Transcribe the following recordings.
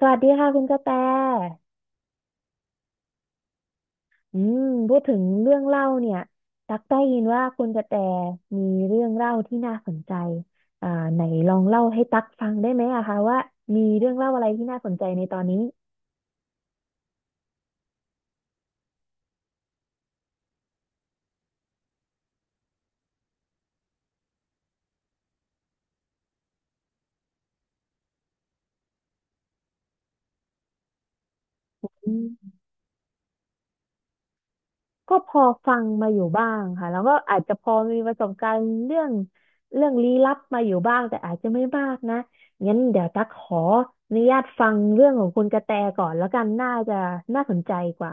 สวัสดีค่ะคุณกระแตอืมพูดถึงเรื่องเล่าเนี่ยตักได้ยินว่าคุณกระแตมีเรื่องเล่าที่น่าสนใจอ่าไหนลองเล่าให้ตักฟังได้ไหมอะคะว่ามีเรื่องเล่าอะไรที่น่าสนใจในตอนนี้อืมก็พอฟังมาอยู่บ้างค่ะแล้วก็อาจจะพอมีประสบการณ์เรื่องลี้ลับมาอยู่บ้างแต่อาจจะไม่มากนะ งั้นเดี๋ยวตักขออนุญาตฟังเรื่องของคุณกระแตก่อนแล้วกันน่าจะน่าสนใจกว่า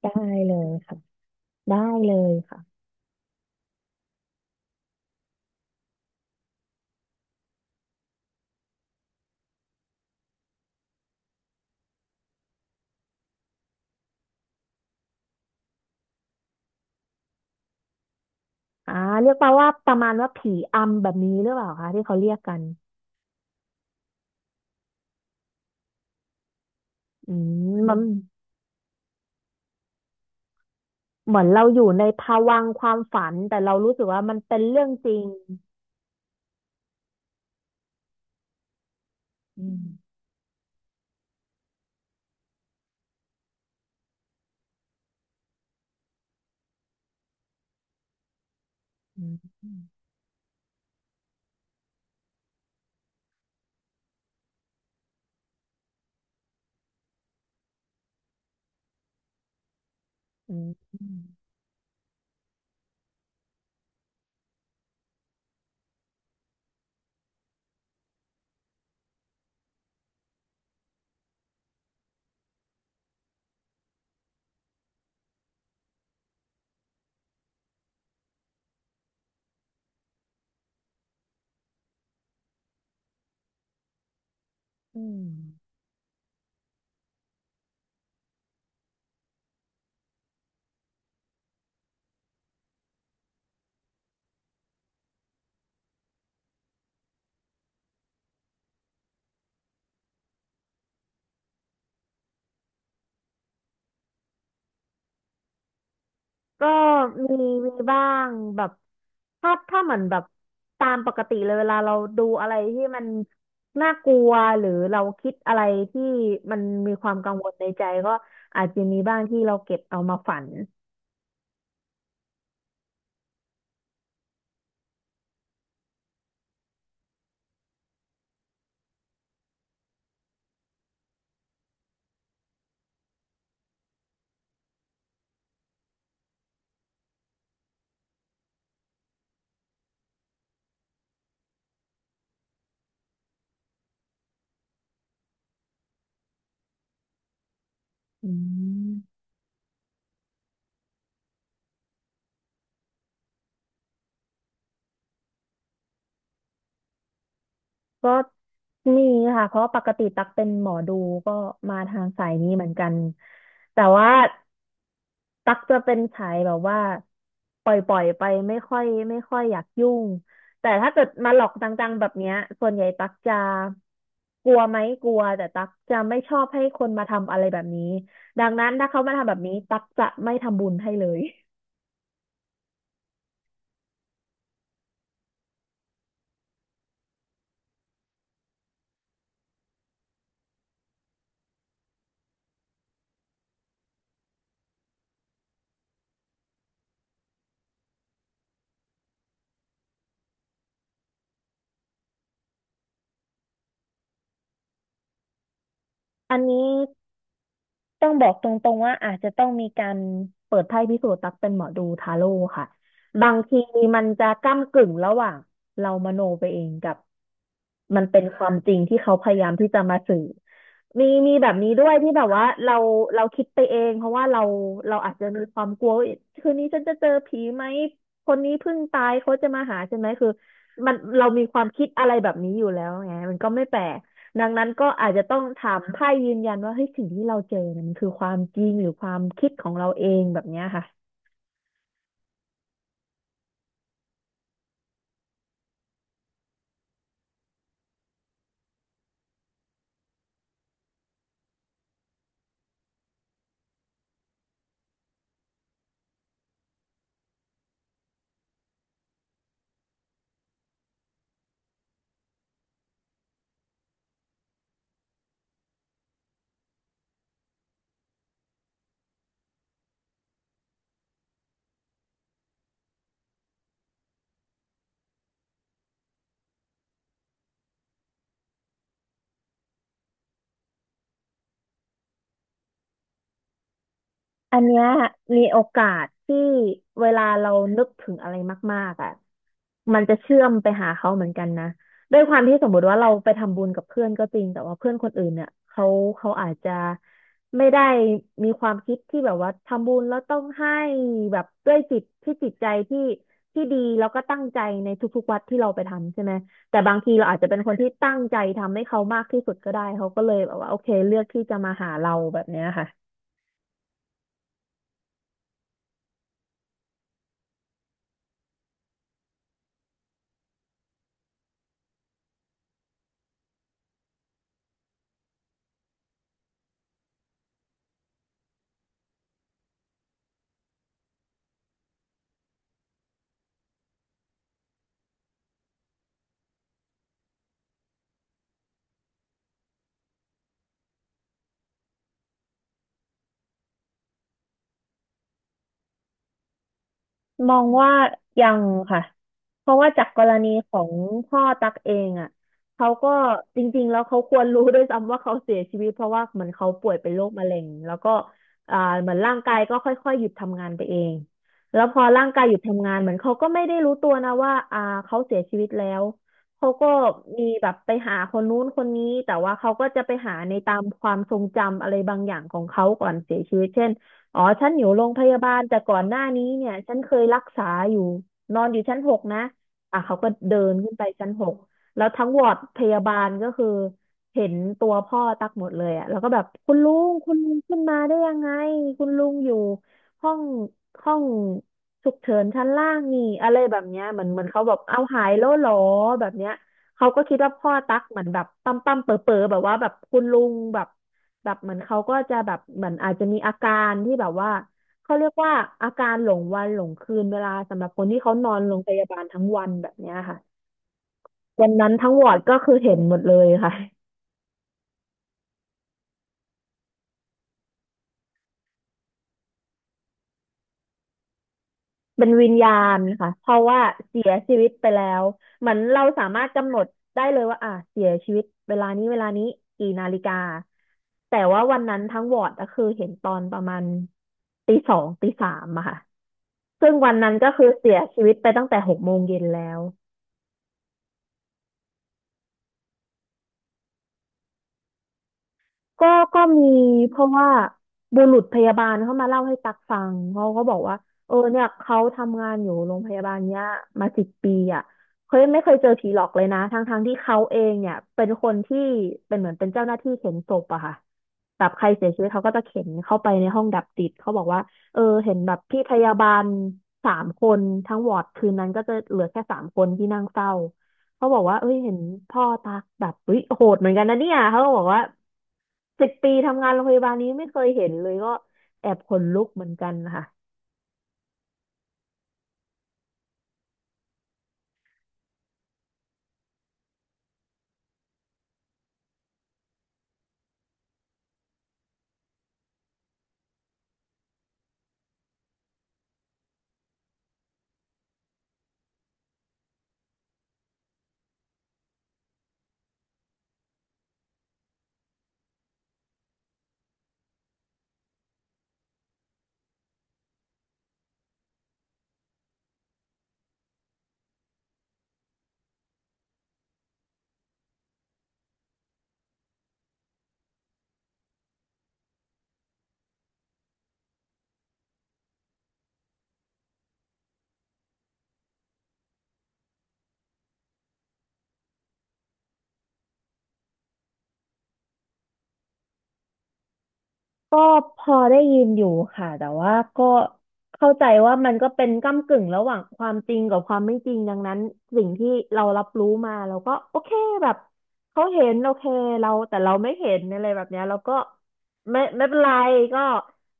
ได้เลยค่ะได้เลยค่ะ อ่าเรียกมาว่าประมาณว่าผีอำแบบนี้หรือเปล่าคะที่เขาเรียกกันอืมันเหมือนเราอยู่ในภวังค์ความฝันแต่เรารู้สึกว่ามันเป็นเรื่องจริงอืมอืมอืมอืมอืมก็มีมีบ้างแบบถ้าเหมือนแบบตามปกติเลยเวลาเราดูอะไรที่มันน่ากลัวหรือเราคิดอะไรที่มันมีความกังวลในใจก็อาจจะมีบ้างที่เราเก็บเอามาฝันอืม ก็นี่ค่ะเพราะปกติตักเป็นหมอดูก็มาทางสายนี้เหมือนกันแต่ว่าตักจะเป็นสายแบบว่าปล่อยปล่อยไปไม่ค่อยอยากยุ่งแต่ถ้าเกิดมาหลอกจังๆแบบเนี้ยส่วนใหญ่ตักจะกลัวไหมกลัวแต่ตักจะไม่ชอบให้คนมาทำอะไรแบบนี้ดังนั้นถ้าเขามาทำแบบนี้ตักจะไม่ทำบุญให้เลยอันนี้ ต้องบอกตรงๆว่าอาจจะต้องมีการเปิดไพ่พิสูจน์รักเป็นหมอดูทาโร่ค่ะบางทีมันจะก้ำกึ่งระหว่างเรามโนไปเองกับ มันเป็นความจริงที่เขาพยายามที่จะมาสื่อ มีแบบนี้ด้วยที่แบบว่าเราคิดไปเองเพราะว่าเราอาจจะมีความกลัวว่าคืนนี้ฉันจะเจอผีไหมคนนี้เพิ่งตายเขาจะมาหาใช่ไหมคือมันเรามีความคิดอะไรแบบนี้อยู่แล้วไงมันก็ไม่แปลกดังนั้นก็อาจจะต้องถามไพ่ยืนยันว่าเฮ้ยสิ่งที่เราเจอเนี่ยมันคือความจริงหรือความคิดของเราเองแบบเนี้ยค่ะอันเนี้ยมีโอกาสที่เวลาเรานึกถึงอะไรมากๆอ่ะ มันจะเชื่อมไปหาเขาเหมือนกันนะด้วยความที่สมมุติว่าเราไปทำบุญกับเพื่อนก็จริงแต่ว่าเพื่อนคนอื่นเนี่ยเขาอาจจะไม่ได้มีความคิดที่แบบว่าทำบุญแล้วต้องให้แบบด้วยจิตที่จิตใจที่ที่ดีแล้วก็ตั้งใจในทุกๆวัดที่เราไปทำใช่ไหมแต่บางทีเราอาจจะเป็นคนที่ตั้งใจทำให้เขามากที่สุดก็ได้เขาก็เลยแบบว่าโอเคเลือกที่จะมาหาเราแบบเนี้ยค่ะ มองว่ายังค่ะเพราะว่าจากกรณีของพ่อตักเองอ่ะเขาก็จริงๆแล้วเขาควรรู้ด้วยซ้ำว่าเขาเสียชีวิตเพราะว่าเหมือนเขาป่วยเป็นโรคมะเร็งแล้วก็อ่าเหมือนร่างกายก็ค่อยๆหยุดทำงานไปเองแล้วพอร่างกายหยุดทำงานเหมือนเขาก็ไม่ได้รู้ตัวนะว่าเขาเสียชีวิตแล้วเขาก็มีแบบไปหาคนนู้นคนนี้แต่ว่าเขาก็จะไปหาในตามความทรงจำอะไรบางอย่างของเขาก่อนเสียชีวิตเช่น อ๋อฉันอยู่โรงพยาบาลแต่ก่อนหน้านี้เนี่ยฉันเคยรักษาอยู่นอนอยู่ชั้นหกนะอ่ะเขาก็เดินขึ้นไปชั้นหกแล้วทั้งวอร์ดพยาบาลก็คือเห็นตัวพ่อตักหมดเลยอ่ะแล้วก็แบบคุณลุงคุณลุงขึ้นมาได้ยังไงคุณลุงอยู่ห้องห้องฉุกเฉินชั้นล่างนี่อะไรแบบเนี้ยเหมือนเขาแบบเอาหายแล้วเหรอแบบเนี้ยเขาก็คิดว่าพ่อตักเหมือนแบบปั๊มปั๊มเป๋อเป๋อแบบว่าแบบคุณลุงแบบ แบบเหมือนเขาก็จะแบบเหมือนอาจจะมีอาการที่แบบว่าเขาเรียกว่าอาการหลงวันหลงคืนเวลาสำหรับคนที่เขานอนโรงพยาบาลทั้งวันแบบเนี้ยค่ะวันนั้นทั้งวอร์ดก็คือเห็นหมดเลยค่ะเป็นวิญญาณค่ะเพราะว่าเสียชีวิตไปแล้วเหมือนเราสามารถกำหนดได้เลยว่าอ่ะเสียชีวิตเวลานี้เวลานี้กี่นาฬิกาแต่ว่าวันนั้นทั้งวอร์ดก็คือเห็นตอนประมาณตีสองตีสามอะค่ะซึ่งวันนั้นก็คือเสียชีวิตไปตั้งแต่หกโมงเย็นแล้ว ก็ก็มีเพราะว่าบุรุษพยาบาลเขามาเล่าให้ตักฟังเขาก็บอกว่าเออเนี่ยเขาทำงานอยู่โรงพยาบาลเนี้ยมาสิบปีอ่ะเขายไม่เคยเจอผีหลอกเลยนะทั้งที่เขาเองเนี่ยเป็นคนที่เป็นเหมือนเป็นเจ้าหน้าที่เข็นศพอะค่ะแบบใครเสียชีวิตเขาก็จะเข็นเข้าไปในห้องดับจิตเขาบอกว่าเออเห็นแบบพี่พยาบาลสามคนทั้งวอร์ดคืนนั้นก็จะเหลือแค่สามคนที่นั่งเฝ้าเขาบอกว่าเอ้ยเห็นพ่อตักแบบเฮ้ยโหดเหมือนกันนะเนี่ยเขาก็บอกว่า สิบปีทำงานโรงพยาบาลนี้ไม่เคยเห็นเลยก็แอบขนลุกเหมือนกันค่ะก็พอได้ยินอยู่ค่ะแต่ว่าก็เข้าใจว่ามันก็เป็นก้ำกึ่งระหว่างความจริงกับความไม่จริงดังนั้นสิ่งที่เรารับรู้มาเราก็โอเคแบบเขาเห็นโอเคเราแต่เราไม่เห็นอะไรแบบเนี้ยเราก็ไม่เป็นไรก็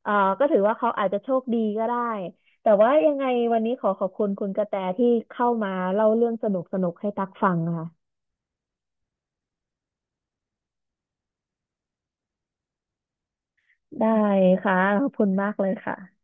เอ่อก็ถือว่าเขาอาจจะโชคดีก็ได้แต่ว่ายังไงวันนี้ขอบคุณคุณกระแตที่เข้ามาเล่าเรื่องสนุกสนุกให้ตักฟังค่ะ ได้ค่ะขอบคุณมากเลยค่ะ